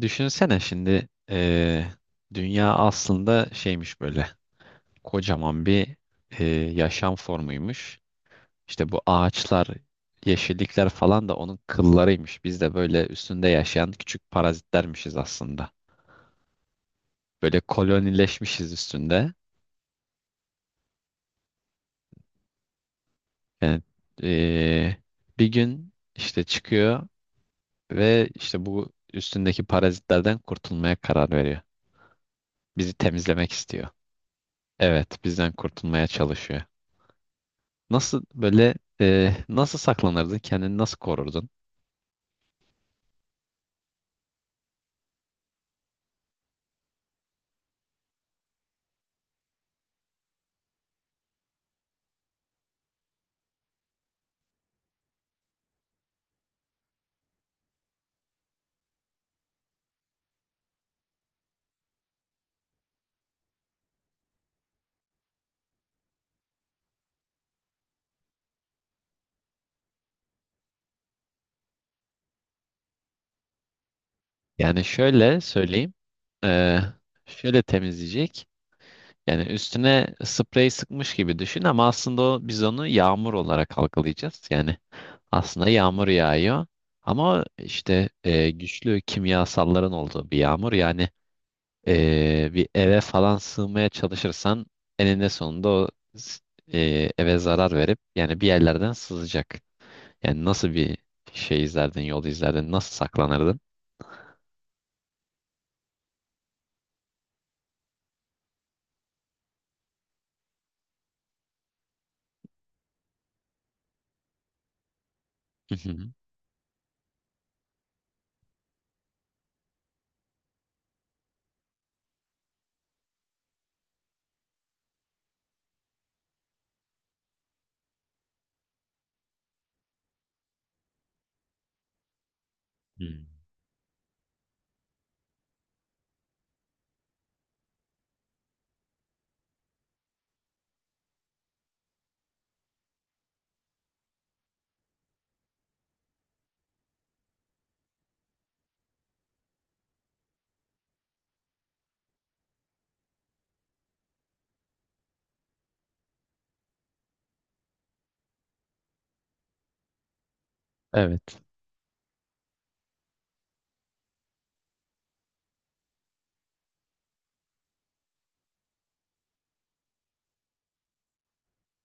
Düşünsene şimdi dünya aslında şeymiş böyle kocaman bir eee, yaşam formuymuş. İşte bu ağaçlar, yeşillikler falan da onun kıllarıymış. Biz de böyle üstünde yaşayan küçük parazitlermişiz aslında. Böyle kolonileşmişiz üstünde. Yani eee, bir gün işte çıkıyor ve işte bu üstündeki parazitlerden kurtulmaya karar veriyor. Bizi temizlemek istiyor. Evet, bizden kurtulmaya çalışıyor. Nasıl nasıl saklanırdın? Kendini nasıl korurdun? Yani şöyle söyleyeyim. e, Şöyle temizleyecek. Yani üstüne sprey sıkmış gibi düşün, ama aslında o, biz onu yağmur olarak algılayacağız. Yani aslında yağmur yağıyor. Ama işte güçlü kimyasalların olduğu bir yağmur. Yani bir eve falan sığmaya çalışırsan eninde sonunda o s- eve zarar verip yani bir yerlerden sızacak. Yani nasıl bir şey izlerdin, yol izlerdin, nasıl saklanırdın? Hı hı. Hmm. Evet.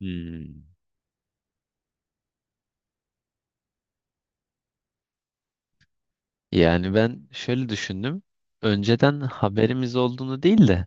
Hmm. Yani ben şöyle düşündüm. Önceden haberimiz olduğunu değil de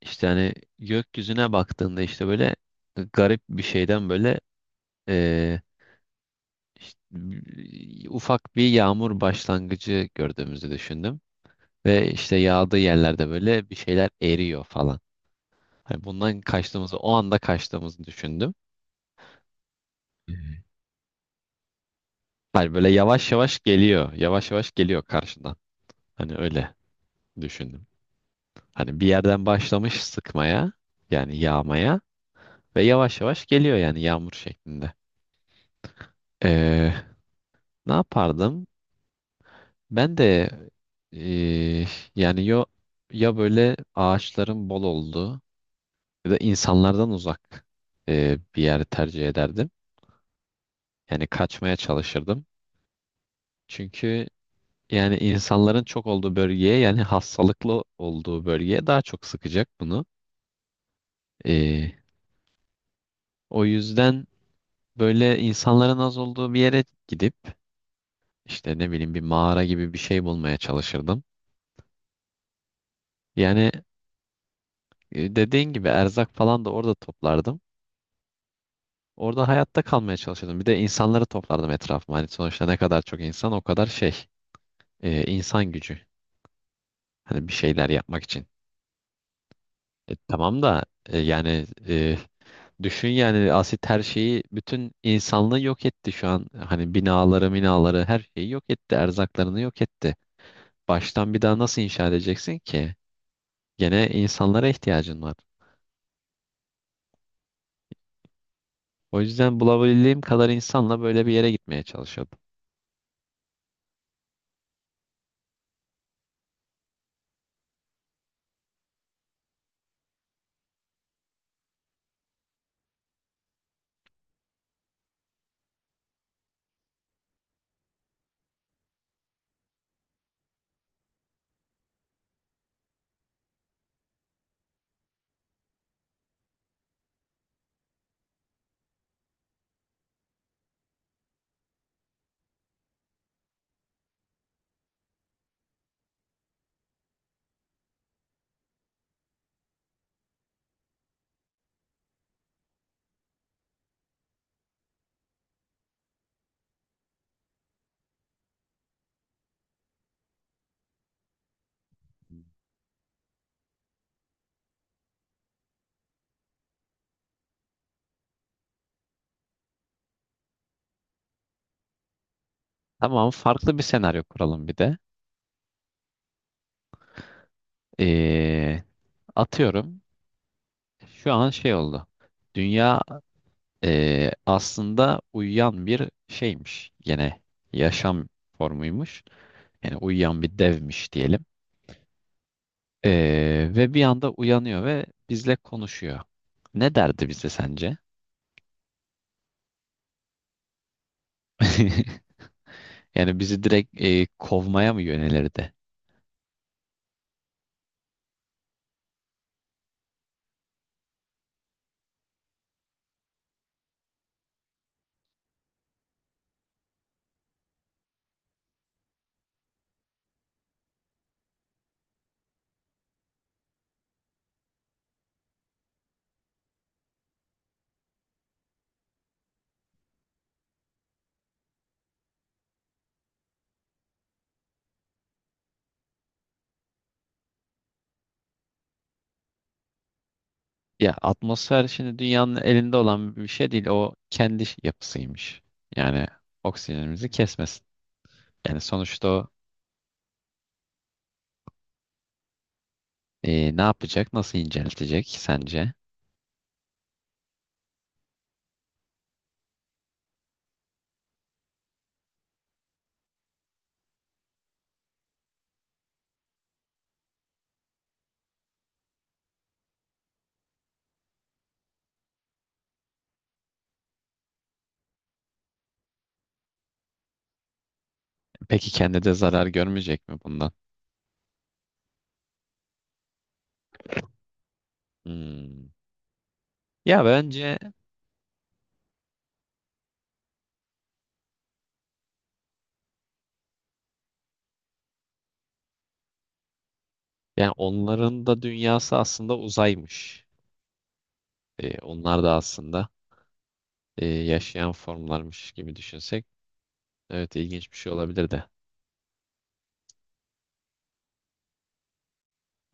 işte hani gökyüzüne baktığında işte böyle garip bir şeyden böyle eee, işte ufak bir yağmur başlangıcı gördüğümüzü düşündüm. Ve işte yağdığı yerlerde böyle bir şeyler eriyor falan. Hani bundan kaçtığımızı, o anda kaçtığımızı düşündüm. Hayır, böyle yavaş yavaş geliyor. Yavaş yavaş geliyor karşından. Hani öyle düşündüm. Hani bir yerden başlamış sıkmaya, yani yağmaya, ve yavaş yavaş geliyor, yani yağmur şeklinde. Ee, Ne yapardım? Ben de ee, yani yo, ya böyle ağaçların bol olduğu ya da insanlardan uzak bir yeri tercih ederdim. Yani kaçmaya çalışırdım. Çünkü yani insanların çok olduğu bölgeye, yani hastalıklı olduğu bölgeye daha çok sıkacak bunu. Ee, O yüzden böyle insanların az olduğu bir yere gidip işte ne bileyim bir mağara gibi bir şey bulmaya çalışırdım. Yani dediğin gibi erzak falan da orada toplardım. Orada hayatta kalmaya çalışırdım. Bir de insanları toplardım etrafıma. Hani sonuçta ne kadar çok insan o kadar insan gücü. Hani bir şeyler yapmak için. E, tamam da düşün, yani asit her şeyi, bütün insanlığı yok etti şu an. Hani binaları, minaları her şeyi yok etti. Erzaklarını yok etti. Baştan bir daha nasıl inşa edeceksin ki? Gene insanlara ihtiyacın var. O yüzden bulabildiğim kadar insanla böyle bir yere gitmeye çalışıyordum. Tamam, farklı bir senaryo kuralım bir de. Ee, Atıyorum. Şu an şey oldu. Dünya aslında uyuyan bir şeymiş. Gene yaşam formuymuş. Yani uyuyan bir devmiş diyelim. Ve bir anda uyanıyor ve bizle konuşuyor. Ne derdi bize sence? Yani bizi direkt kovmaya mı yönelirdi? Ya atmosfer şimdi dünyanın elinde olan bir şey değil. O kendi yapısıymış. Yani oksijenimizi kesmesin. Yani sonuçta o ne yapacak? Nasıl inceltecek sence? Peki kendi de zarar görmeyecek mi bundan? Hmm. Ya bence yani onların da dünyası aslında uzaymış. E, onlar da aslında yaşayan formlarmış gibi düşünsek. Evet, ilginç bir şey olabilir de.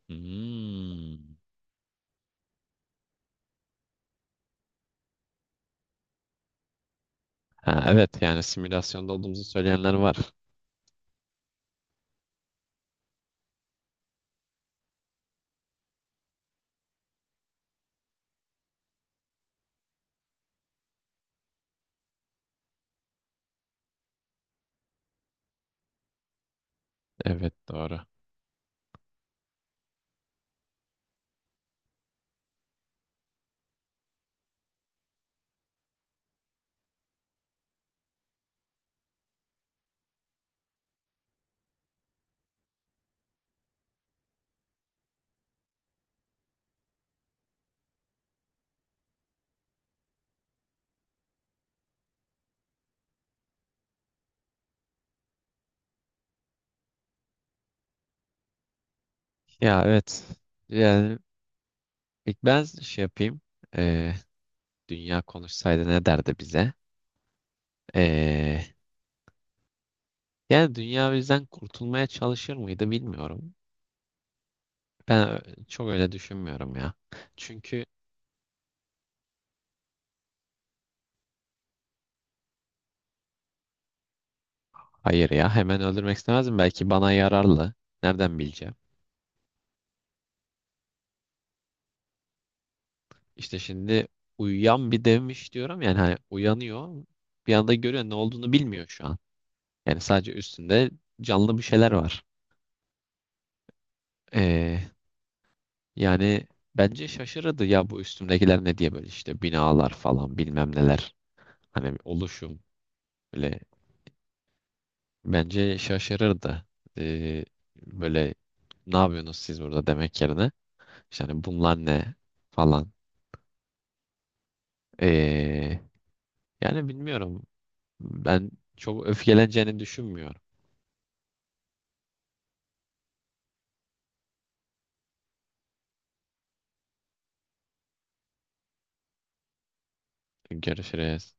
Hmm. Ha, evet, yani simülasyonda olduğumuzu söyleyenler var. Evet, doğru. Ya evet. Yani ilk ben şey yapayım. E, dünya konuşsaydı ne derdi bize? E, yani dünya bizden kurtulmaya çalışır mıydı bilmiyorum. Ben çok öyle düşünmüyorum ya. Çünkü hayır ya, hemen öldürmek istemezdim. Belki bana yararlı. Nereden bileceğim? İşte şimdi uyuyan bir devmiş diyorum. Yani hani uyanıyor. Bir anda görüyor, ne olduğunu bilmiyor şu an. Yani sadece üstünde canlı bir şeyler var. Ee, yani Bence şaşırırdı ya, bu üstümdekiler ne diye, böyle işte binalar falan bilmem neler. Hani oluşum böyle bence şaşırırdı. Ee, Böyle ne yapıyorsunuz siz burada demek yerine, İşte hani bunlar ne falan. Ee, Yani bilmiyorum. Ben çok öfkeleneceğini düşünmüyorum. Görüşürüz.